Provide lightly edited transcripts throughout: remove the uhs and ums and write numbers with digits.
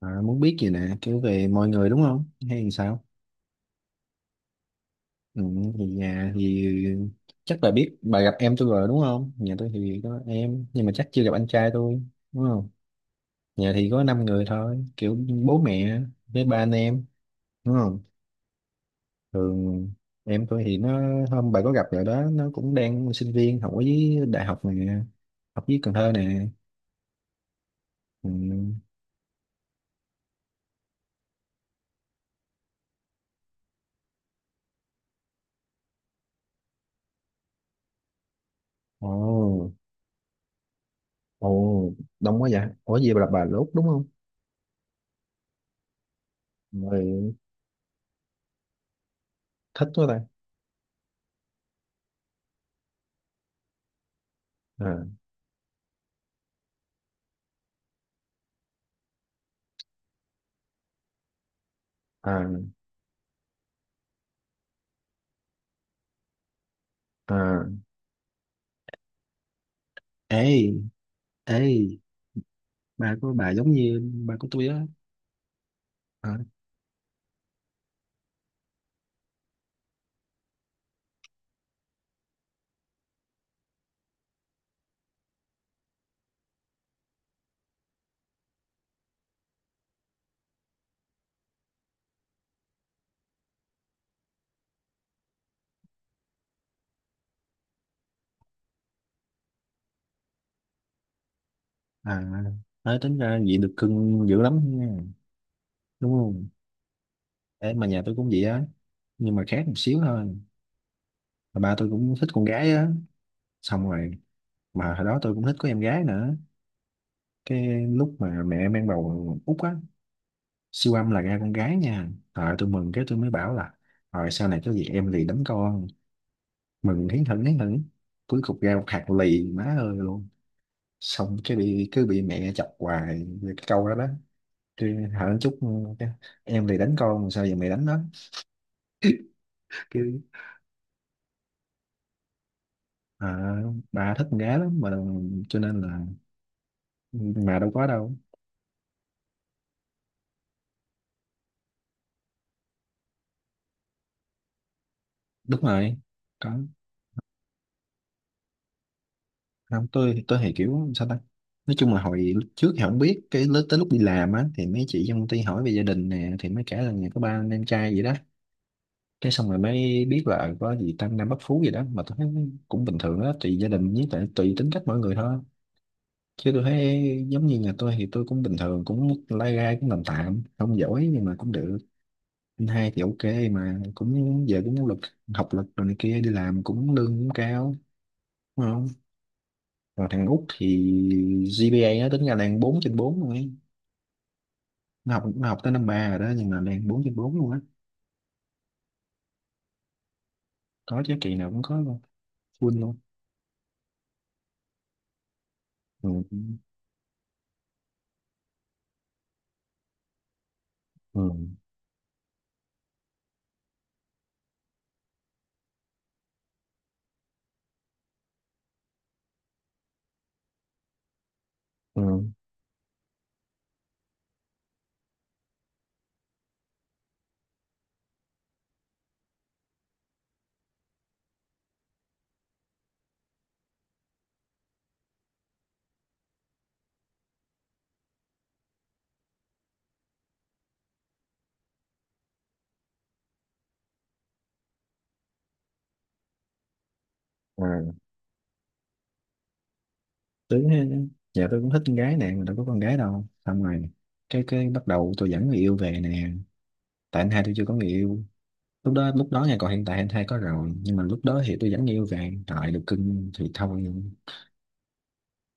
À, muốn biết gì nè, kiểu về mọi người đúng không, hay làm sao. Ừ, thì nhà thì chắc bà biết, bà gặp em tôi rồi đúng không. Nhà tôi thì có em nhưng mà chắc chưa gặp anh trai tôi đúng không. Nhà thì có 5 người thôi, kiểu bố mẹ với ba anh em đúng không. Thường em tôi thì nó, hôm bà có gặp rồi đó, nó cũng đang sinh viên học ở dưới đại học nè, học dưới Cần Thơ nè. Ừ. ồ ồ đông quá vậy. Ủa gì, bà là bà lốt đúng không. Rồi, thích quá ta. À à à ê ê ba của bà giống như ba của tôi á. À, à, nói tính ra vậy được cưng dữ lắm nha, đúng không. Ê, mà nhà tôi cũng vậy á, nhưng mà khác một xíu thôi. Mà ba tôi cũng thích con gái á, xong rồi mà hồi đó tôi cũng thích có em gái nữa. Cái lúc mà mẹ mang bầu út á, siêu âm là ra con gái nha, rồi tôi mừng, cái tôi mới bảo là rồi sau này có gì em lì đấm con, mừng hiến thỉnh hiến thỉnh. Cuối cùng ra một hạt lì má ơi luôn. Xong cái bị, cứ bị mẹ chọc hoài về cái câu đó đó. Chứ hả, đánh chút cái, em thì đánh con sao giờ mày đánh nó. Cứ à, bà thích con gái lắm mà cho nên là mà đâu có đâu. Đúng rồi, có. Không, tôi thì kiểu sao ta, nói chung là hồi lúc trước thì không biết, cái tới lúc đi làm á thì mấy chị trong công ty hỏi về gia đình nè, thì mấy kể là nhà có ba anh em trai gì đó. Cái xong rồi mới biết là có gì tam nam bất phú gì đó, mà tôi thấy cũng bình thường đó, tùy gia đình với tại tùy tính cách mỗi người thôi. Chứ tôi thấy giống như nhà tôi thì tôi cũng bình thường, cũng mức lai rai, cũng tạm tạm, không giỏi nhưng mà cũng được. Anh hai thì ok, mà cũng giờ cũng học lực rồi này kia, đi làm cũng lương cũng cao đúng không. Rồi thằng Út thì GPA nó tính ra đang 4/4 luôn ấy. Nó học tới năm ba rồi đó, nhưng mà đang 4/4 luôn á. Có chứ, kỳ nào cũng có luôn, full luôn. Ừ. Ừ. Ừ. Ừ. Tính ha. Dạ, tôi cũng thích con gái nè mà đâu có con gái đâu. Xong rồi cái, bắt đầu tôi dẫn người yêu về nè, tại anh hai tôi chưa có người yêu. Lúc đó nha, còn hiện tại anh hai có rồi, nhưng mà lúc đó thì tôi vẫn yêu và hiện tại được cưng thì thôi.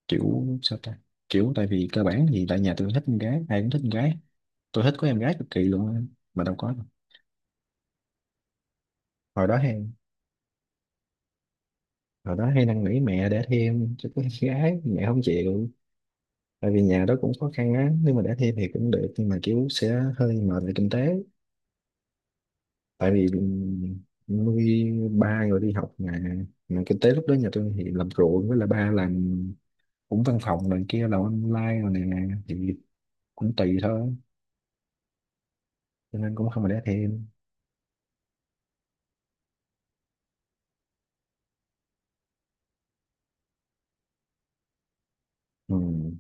Kiểu sao ta, kiểu tại vì cơ bản thì tại nhà tôi thích con gái, ai cũng thích con gái. Tôi thích có em gái cực kỳ luôn á, mà đâu có đâu. Hồi đó hồi đó hay năn nỉ mẹ để thêm cho có em gái, mẹ không chịu, tại vì nhà đó cũng khó khăn á. Nếu mà để thêm thì cũng được nhưng mà kiểu sẽ hơi mệt về kinh tế, tại vì nuôi ba người đi học mà. Mà kinh tế lúc đó nhà tôi thì làm ruộng, với là ba làm cũng văn phòng này kia, là online rồi nè, thì cũng tùy thôi, cho nên cũng không phải để thêm. Ừ.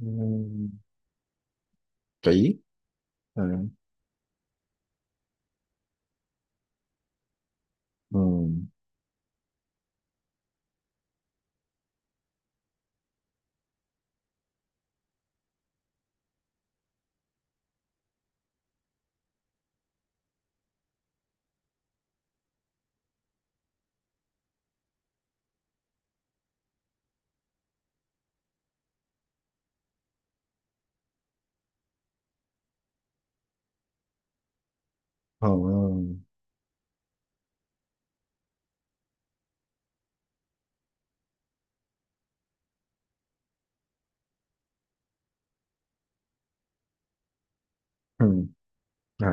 Ừ. Kỹ. Ừ. Ừ. Ừ. Ừ. À,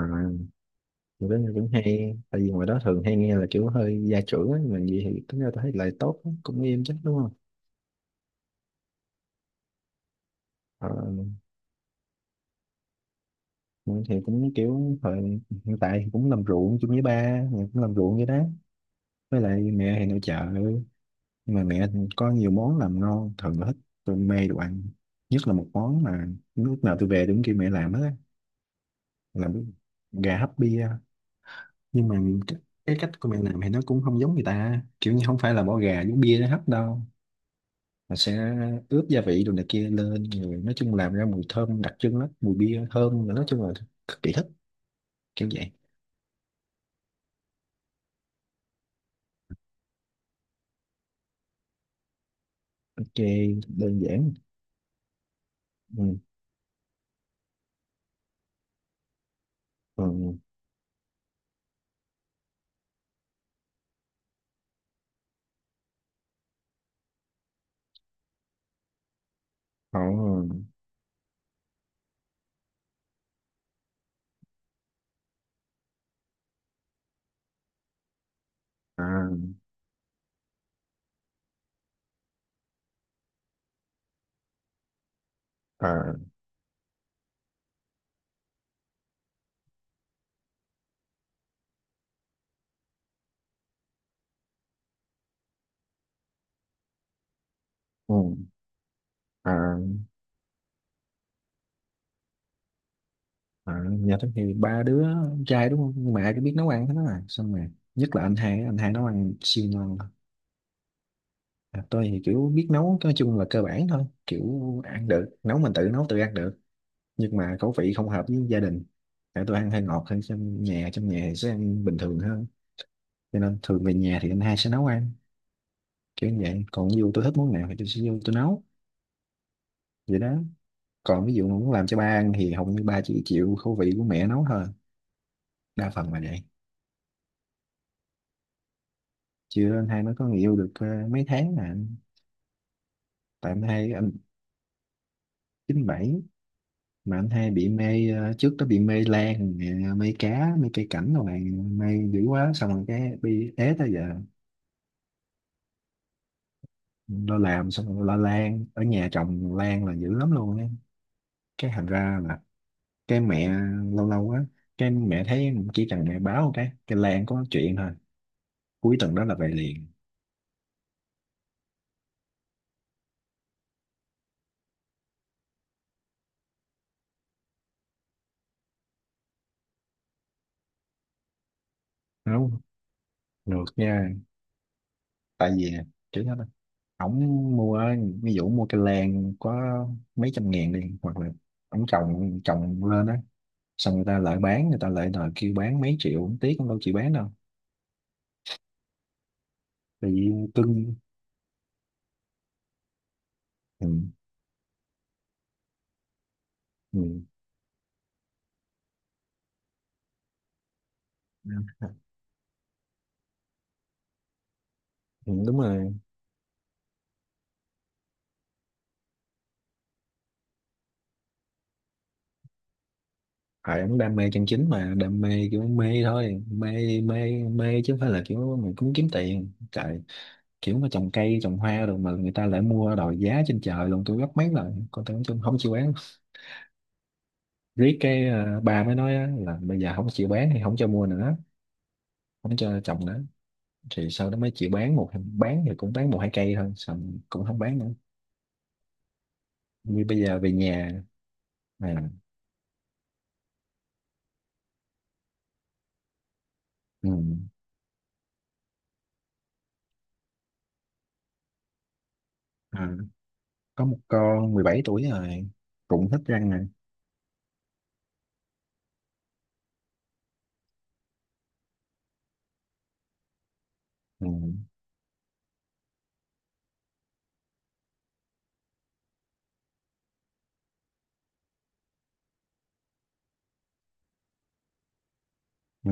kiểu đó cũng hay, tại vì ngoài đó thường hay nghe là kiểu hơi gia trưởng á, mà gì thì tính ra tôi thấy lại tốt á, cũng nghiêm chắc đúng không. Ờ, mình thì cũng kiểu thời hiện tại thì cũng làm ruộng chung với ba, mình cũng làm ruộng vậy đó. Với lại mẹ thì nội trợ, nhưng mà mẹ có nhiều món làm ngon, thường là thích. Tôi mê đồ ăn, nhất là một món mà lúc nào tôi về đúng kêu mẹ làm hết á, làm cái gà hấp bia. Nhưng mà cái, cái cách của mẹ làm thì nó cũng không giống người ta, kiểu như không phải là bỏ gà giống bia nó hấp đâu, mà sẽ ướp gia vị đồ này kia lên, rồi nói chung làm ra mùi thơm đặc trưng lắm, mùi bia thơm, nói chung là cực kỳ thích, kiểu vậy. Ok, đơn giản. Ừ. Ừ. Ờ, à, à, ừ, à, à, nhà thích thì ba đứa trai đúng không, mẹ mà biết nấu ăn hết á. Xong rồi nhất là anh hai, anh hai nấu ăn siêu ngon. À, tôi thì kiểu biết nấu, nói chung là cơ bản thôi, kiểu ăn được, nấu mình tự nấu tự ăn được, nhưng mà khẩu vị không hợp với gia đình. Tại tôi ăn hơi ngọt hơn, trong nhà thì sẽ ăn bình thường hơn, cho nên thường về nhà thì anh hai sẽ nấu ăn, kiểu như vậy. Còn ví dụ tôi thích món nào thì tôi sẽ vô tôi nấu, vậy đó. Còn ví dụ muốn làm cho ba ăn thì hầu như ba chỉ chịu khẩu vị của mẹ nấu thôi, đa phần là vậy. Chưa, anh hai mới có người yêu được mấy tháng mà anh, tại anh hai anh, 97. Mà anh hai bị mê, trước đó bị mê lan nè, mê cá, mê cây cảnh rồi này, mê dữ quá, xong rồi cái bị ế tới giờ. Lo làm xong rồi lo lan ở nhà, trồng lan là dữ lắm luôn á. Cái thành ra là cái mẹ, lâu lâu á, cái mẹ thấy chỉ cần mẹ báo cái lan có chuyện thôi, cuối tuần đó là về liền. Đúng không? Ngược nha, tại vì kiểu đó ổng mua, ví dụ mua cây lan có mấy trăm ngàn đi, hoặc là ổng trồng, lên á, xong người ta lại bán, người ta lại đòi kêu bán mấy triệu, ổng tiếc, ổng đâu chịu bán đâu, tại vì cưng. Ừ, ừ, ừ, đúng rồi. Phải, ổng đam mê chân chính, mà đam mê kiểu mê thôi, mê mê mê, chứ không phải là kiểu mình cũng kiếm tiền trời. Kiểu mà trồng cây trồng hoa rồi mà người ta lại mua đòi giá trên trời luôn, tôi gấp mấy lần, còn tôi không, không chịu bán. Riết cái bà mới nói á, là bây giờ không chịu bán thì không cho mua nữa, không cho trồng nữa. Thì sau đó mới chịu bán một, bán thì cũng bán một hai cây thôi, xong cũng không bán nữa, như bây giờ về nhà. À, ừ, à, có một con 17 tuổi rồi, cũng hết răng nè. Ừ, ừ.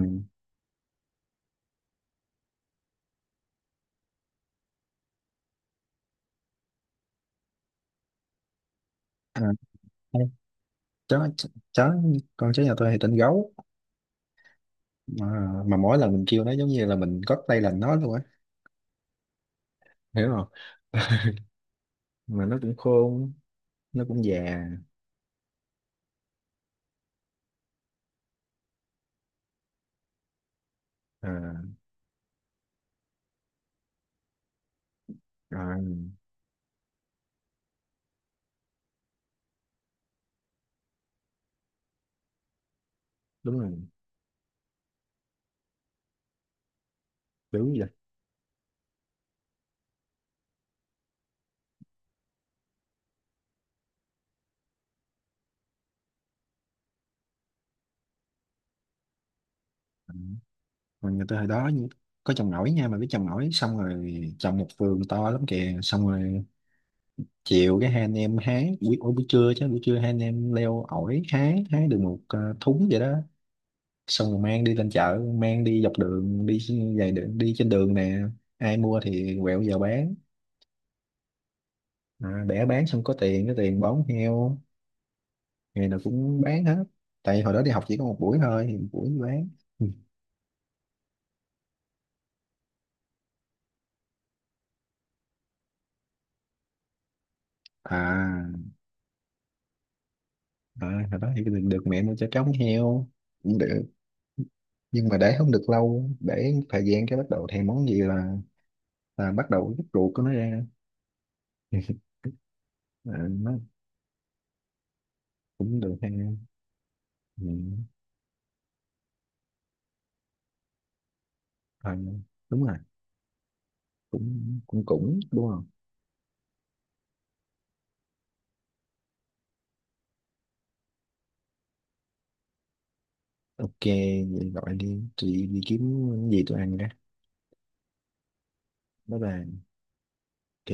À, ê, chó, con chó nhà tôi thì tên gấu. mà, mà mỗi lần mình kêu nó giống như là mình gót tay làm nó luôn á, hiểu không. Mà nó cũng khôn, nó cũng già. À, à, đúng rồi. Đúng vậy. Mà người ta hồi đó như- có trồng ổi nha, mà biết trồng ổi, xong rồi trồng một vườn to lắm kìa. Xong rồi chiều cái hai anh em hái, buổi, ủa, buổi trưa chứ, buổi trưa hai anh em leo ổi hái, hái được một thúng vậy đó. Xong rồi mang đi lên chợ, mang đi dọc đường đi, dài đường đi trên đường nè, ai mua thì quẹo vào bán, à, để bán xong có tiền, cái tiền bón heo. Ngày nào cũng bán hết, tại hồi đó đi học chỉ có một buổi thôi, thì một buổi bán. Ừ. À, à, hồi đó thì được, mẹ mua cho trống heo cũng được, nhưng mà để không được lâu, để thời gian cái bắt đầu thèm món gì là bắt đầu rút ruột của nó ra. À, nó cũng được ha. Ừ. Thôi, đúng rồi, cũng cũng cũng đúng không. Ok, vậy gọi đi, chị đi kiếm gì tôi ăn đó. Bye bye. Ok.